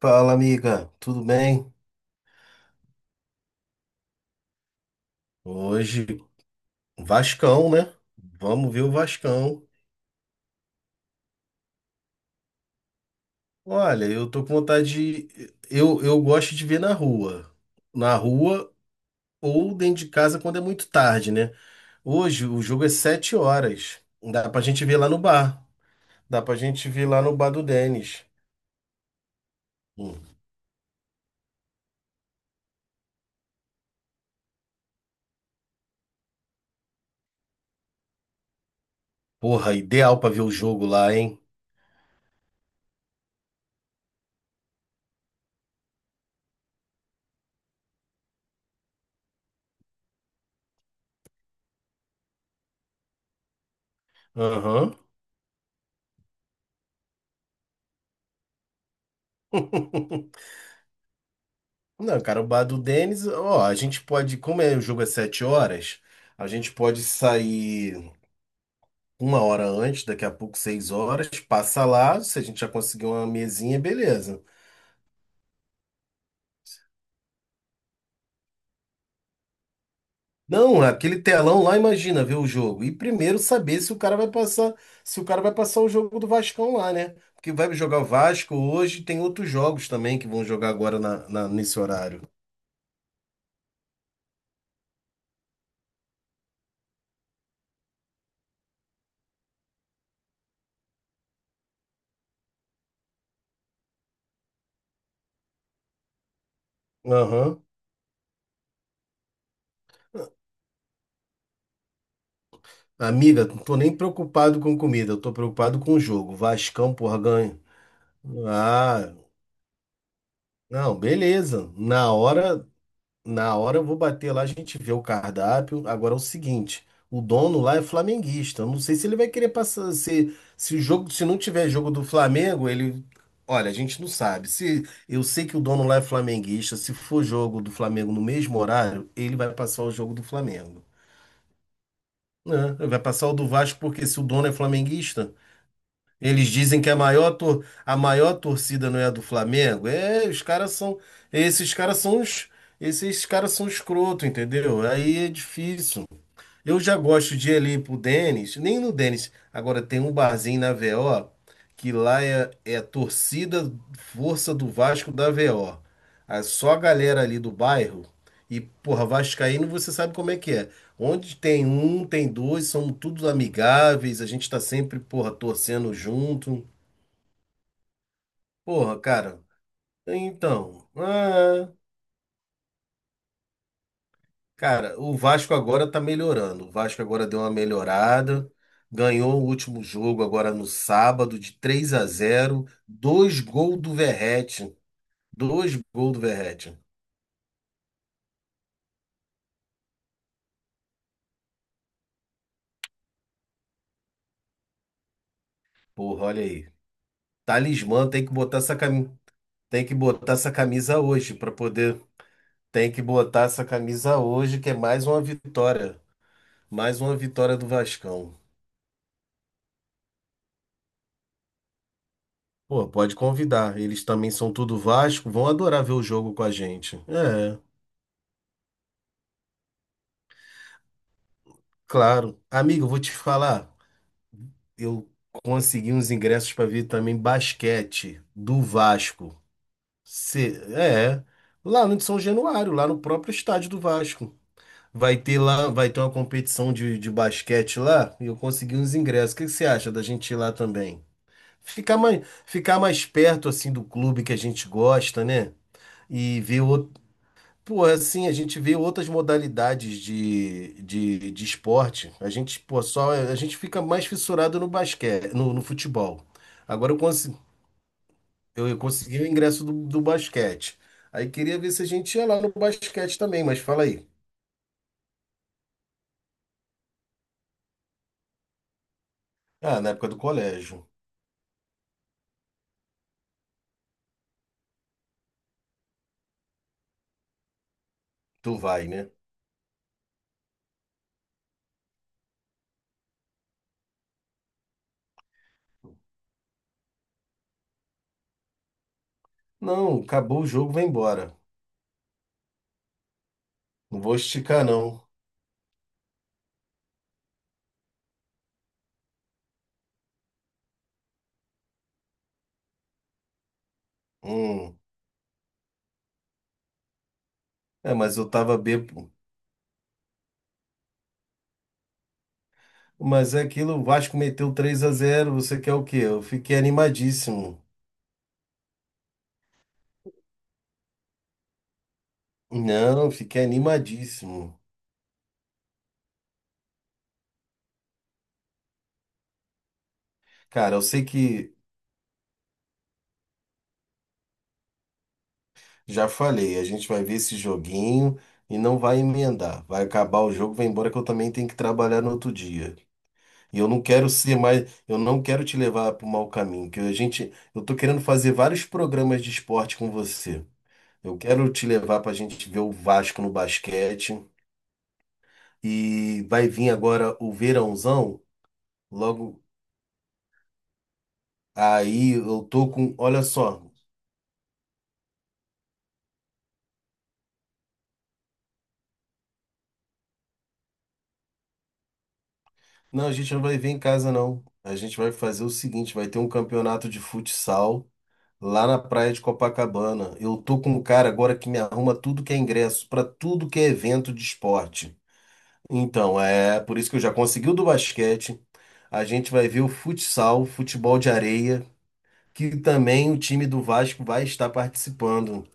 Fala, amiga, tudo bem? Hoje, Vascão, né? Vamos ver o Vascão. Olha, eu tô com vontade de. Eu gosto de ver na rua. Na rua ou dentro de casa quando é muito tarde, né? Hoje o jogo é 7h. Dá pra gente ver lá no bar. Dá pra gente ver lá no bar do Denis. Hum. Porra, ideal pra ver o jogo lá, hein? Aham. Não, cara, o bar do Denis, ó, a gente pode, como é, o jogo é 7h, a gente pode sair. Uma hora antes, daqui a pouco, 6h, passa lá. Se a gente já conseguir uma mesinha, beleza. Não, aquele telão lá, imagina ver o jogo. E primeiro saber se o cara vai passar, se o cara vai passar o jogo do Vascão lá, né? Porque vai jogar o Vasco hoje, tem outros jogos também que vão jogar agora nesse horário. Aham. Amiga, não tô nem preocupado com comida, eu tô preocupado com o jogo. Vascão, porra, ganha. Ah, não, beleza. Na hora eu vou bater lá, a gente vê o cardápio. Agora é o seguinte, o dono lá é flamenguista. Eu não sei se ele vai querer passar se o jogo, se não tiver jogo do Flamengo, ele, olha, a gente não sabe. Se eu sei que o dono lá é flamenguista, se for jogo do Flamengo no mesmo horário, ele vai passar o jogo do Flamengo, né? Ele vai passar o do Vasco porque se o dono é flamenguista, eles dizem que a maior torcida não é a do Flamengo. É, os caras são. Esses caras são os. Esses caras são escroto, entendeu? Aí é difícil. Eu já gosto de ir ali pro Denis, nem no Denis. Agora tem um barzinho na VO que lá é a torcida Força do Vasco da VO. É só a galera ali do bairro. E, porra, Vascaíno, você sabe como é que é. Onde tem um, tem dois, somos todos amigáveis, a gente tá sempre, porra, torcendo junto. Porra, cara, então. Cara, o Vasco agora tá melhorando. O Vasco agora deu uma melhorada. Ganhou o último jogo agora no sábado de 3 a 0, dois gols do Verratti, dois gols do Verratti. Porra, olha aí. Talismã tem que botar essa camisa, tem que botar essa camisa hoje para poder, tem que botar essa camisa hoje que é mais uma vitória do Vascão. Pô, pode convidar. Eles também são tudo Vasco, vão adorar ver o jogo com a gente. É. Claro. Amigo, eu vou te falar. Eu consegui uns ingressos para ver também basquete do Vasco. Cê- é, Lá no São Januário, lá no próprio estádio do Vasco. Vai ter lá, vai ter uma competição de basquete lá e eu consegui uns ingressos. O que que você acha da gente ir lá também? Ficar mais perto assim do clube que a gente gosta, né? E ver o- Pô, assim, a gente vê outras modalidades de esporte. A gente, pô, só, a gente fica mais fissurado no basquete, no futebol. Agora eu consegui o ingresso do basquete. Aí queria ver se a gente ia lá no basquete também, mas fala aí. Ah, na época do colégio. Tu vai, né? Não, acabou o jogo, vai embora. Não vou esticar, não. Hum. É, mas eu tava bêbado. Mas é aquilo, o Vasco meteu 3 a 0 você quer o quê? Eu fiquei animadíssimo. Não, fiquei animadíssimo. Cara, eu sei que já falei, a gente vai ver esse joguinho e não vai emendar. Vai acabar o jogo, vai embora que eu também tenho que trabalhar no outro dia. E eu não quero ser mais, eu não quero te levar para o mau caminho, que a gente, eu tô querendo fazer vários programas de esporte com você. Eu quero te levar para a gente ver o Vasco no basquete e vai vir agora o verãozão, logo aí eu tô com, olha só. Não, a gente não vai ver em casa, não. A gente vai fazer o seguinte: vai ter um campeonato de futsal lá na praia de Copacabana. Eu tô com um cara agora que me arruma tudo que é ingresso, pra tudo que é evento de esporte. Então, é por isso que eu já consegui o do basquete. A gente vai ver o futsal, futebol de areia, que também o time do Vasco vai estar participando.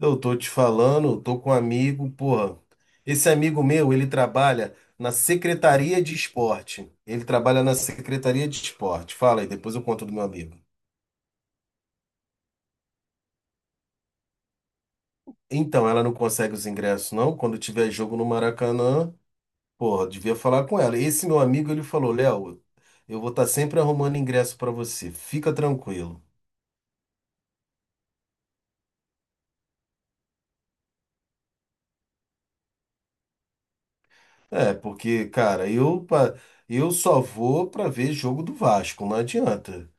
Eu tô te falando, tô com um amigo, porra. Esse amigo meu, ele trabalha na Secretaria de Esporte. Ele trabalha na Secretaria de Esporte. Fala aí, depois eu conto do meu amigo. Então, ela não consegue os ingressos, não. Quando tiver jogo no Maracanã, porra, devia falar com ela. Esse meu amigo, ele falou, Léo, eu vou estar sempre arrumando ingresso pra você. Fica tranquilo. É, porque, cara, eu só vou pra ver jogo do Vasco, não adianta.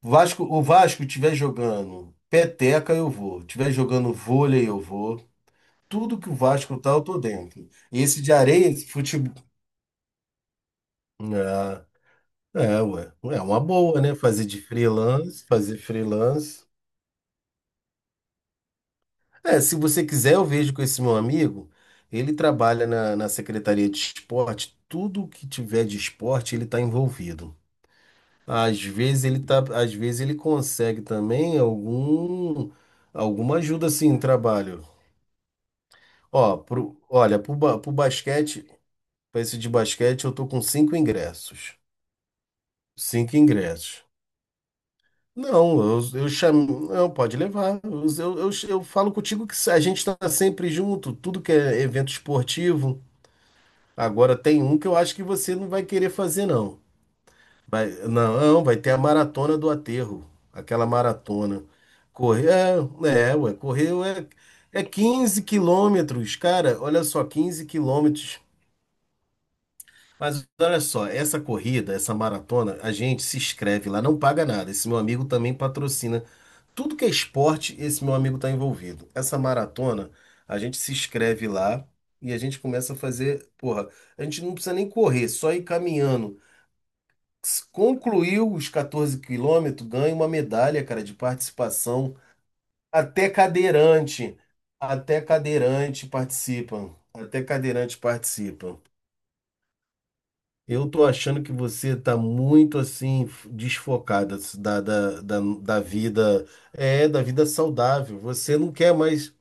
Vasco, o Vasco tiver jogando peteca, eu vou. Tiver jogando vôlei, eu vou. Tudo que o Vasco tá, eu tô dentro. E esse de areia, esse futebol. Ah, é, ué. É uma boa, né? Fazer de freelance, fazer freelance. É, se você quiser, eu vejo com esse meu amigo. Ele trabalha na Secretaria de Esporte. Tudo que tiver de esporte, ele tá envolvido. Às vezes ele tá, às vezes ele consegue também alguma ajuda assim em trabalho. Ó, pro, olha, pro basquete, pra esse de basquete, eu tô com cinco ingressos. Cinco ingressos. Não, eu chamo. Não, pode levar. Eu falo contigo que a gente tá sempre junto, tudo que é evento esportivo. Agora tem um que eu acho que você não vai querer fazer, não. Não, não, vai ter a maratona do aterro. Aquela maratona. Correr, é, ué, correr é 15 quilômetros, cara. Olha só, 15 quilômetros. Mas olha só, essa corrida, essa maratona, a gente se inscreve lá, não paga nada. Esse meu amigo também patrocina. Tudo que é esporte, esse meu amigo está envolvido. Essa maratona, a gente se inscreve lá e a gente começa a fazer. Porra, a gente não precisa nem correr, só ir caminhando. Se concluiu os 14 quilômetros, ganha uma medalha, cara, de participação. Até cadeirante, até cadeirante participa. Até cadeirante participa. Eu tô achando que você tá muito assim desfocada da vida, é, da vida saudável. Você não quer mais.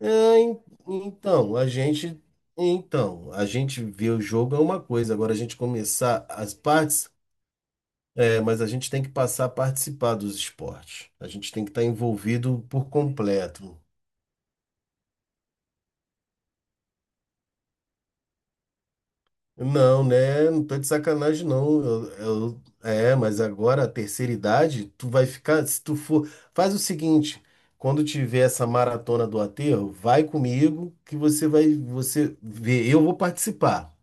É, então, a gente, então, a gente vê o jogo é uma coisa. Agora a gente começar as partes, é, mas a gente tem que passar a participar dos esportes. A gente tem que estar envolvido por completo. Não, né? Não tô de sacanagem, não. É, mas agora a terceira idade, tu vai ficar. Se tu for. Faz o seguinte: quando tiver essa maratona do aterro, vai comigo que você vai. Você vê. Eu vou participar.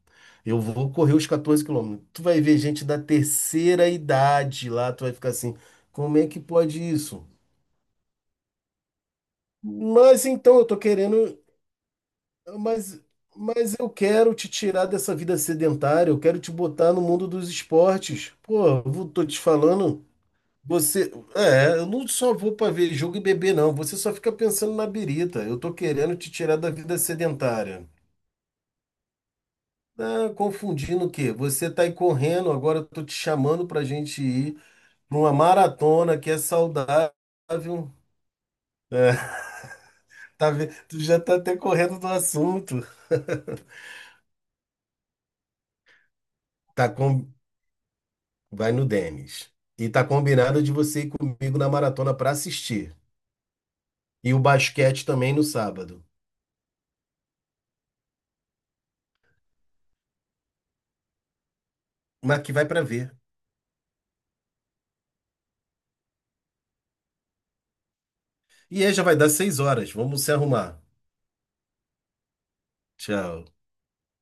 Eu vou correr os 14 quilômetros. Tu vai ver gente da terceira idade lá, tu vai ficar assim: como é que pode isso? Mas então, eu tô querendo. Mas, mas eu quero te tirar dessa vida sedentária, eu quero te botar no mundo dos esportes. Pô, eu tô te falando, você. É, eu não só vou pra ver jogo e beber, não. Você só fica pensando na birita. Eu tô querendo te tirar da vida sedentária. Ah, confundindo o quê? Você tá aí correndo, agora eu tô te chamando pra gente ir pra uma maratona que é saudável. É, tá, tu já tá até correndo do assunto. Tá. Vai no Denis. E tá combinado de você ir comigo na maratona pra assistir. E o basquete também no sábado. Mas que vai pra ver. E aí já vai dar 6h. Vamos se arrumar. Tchau.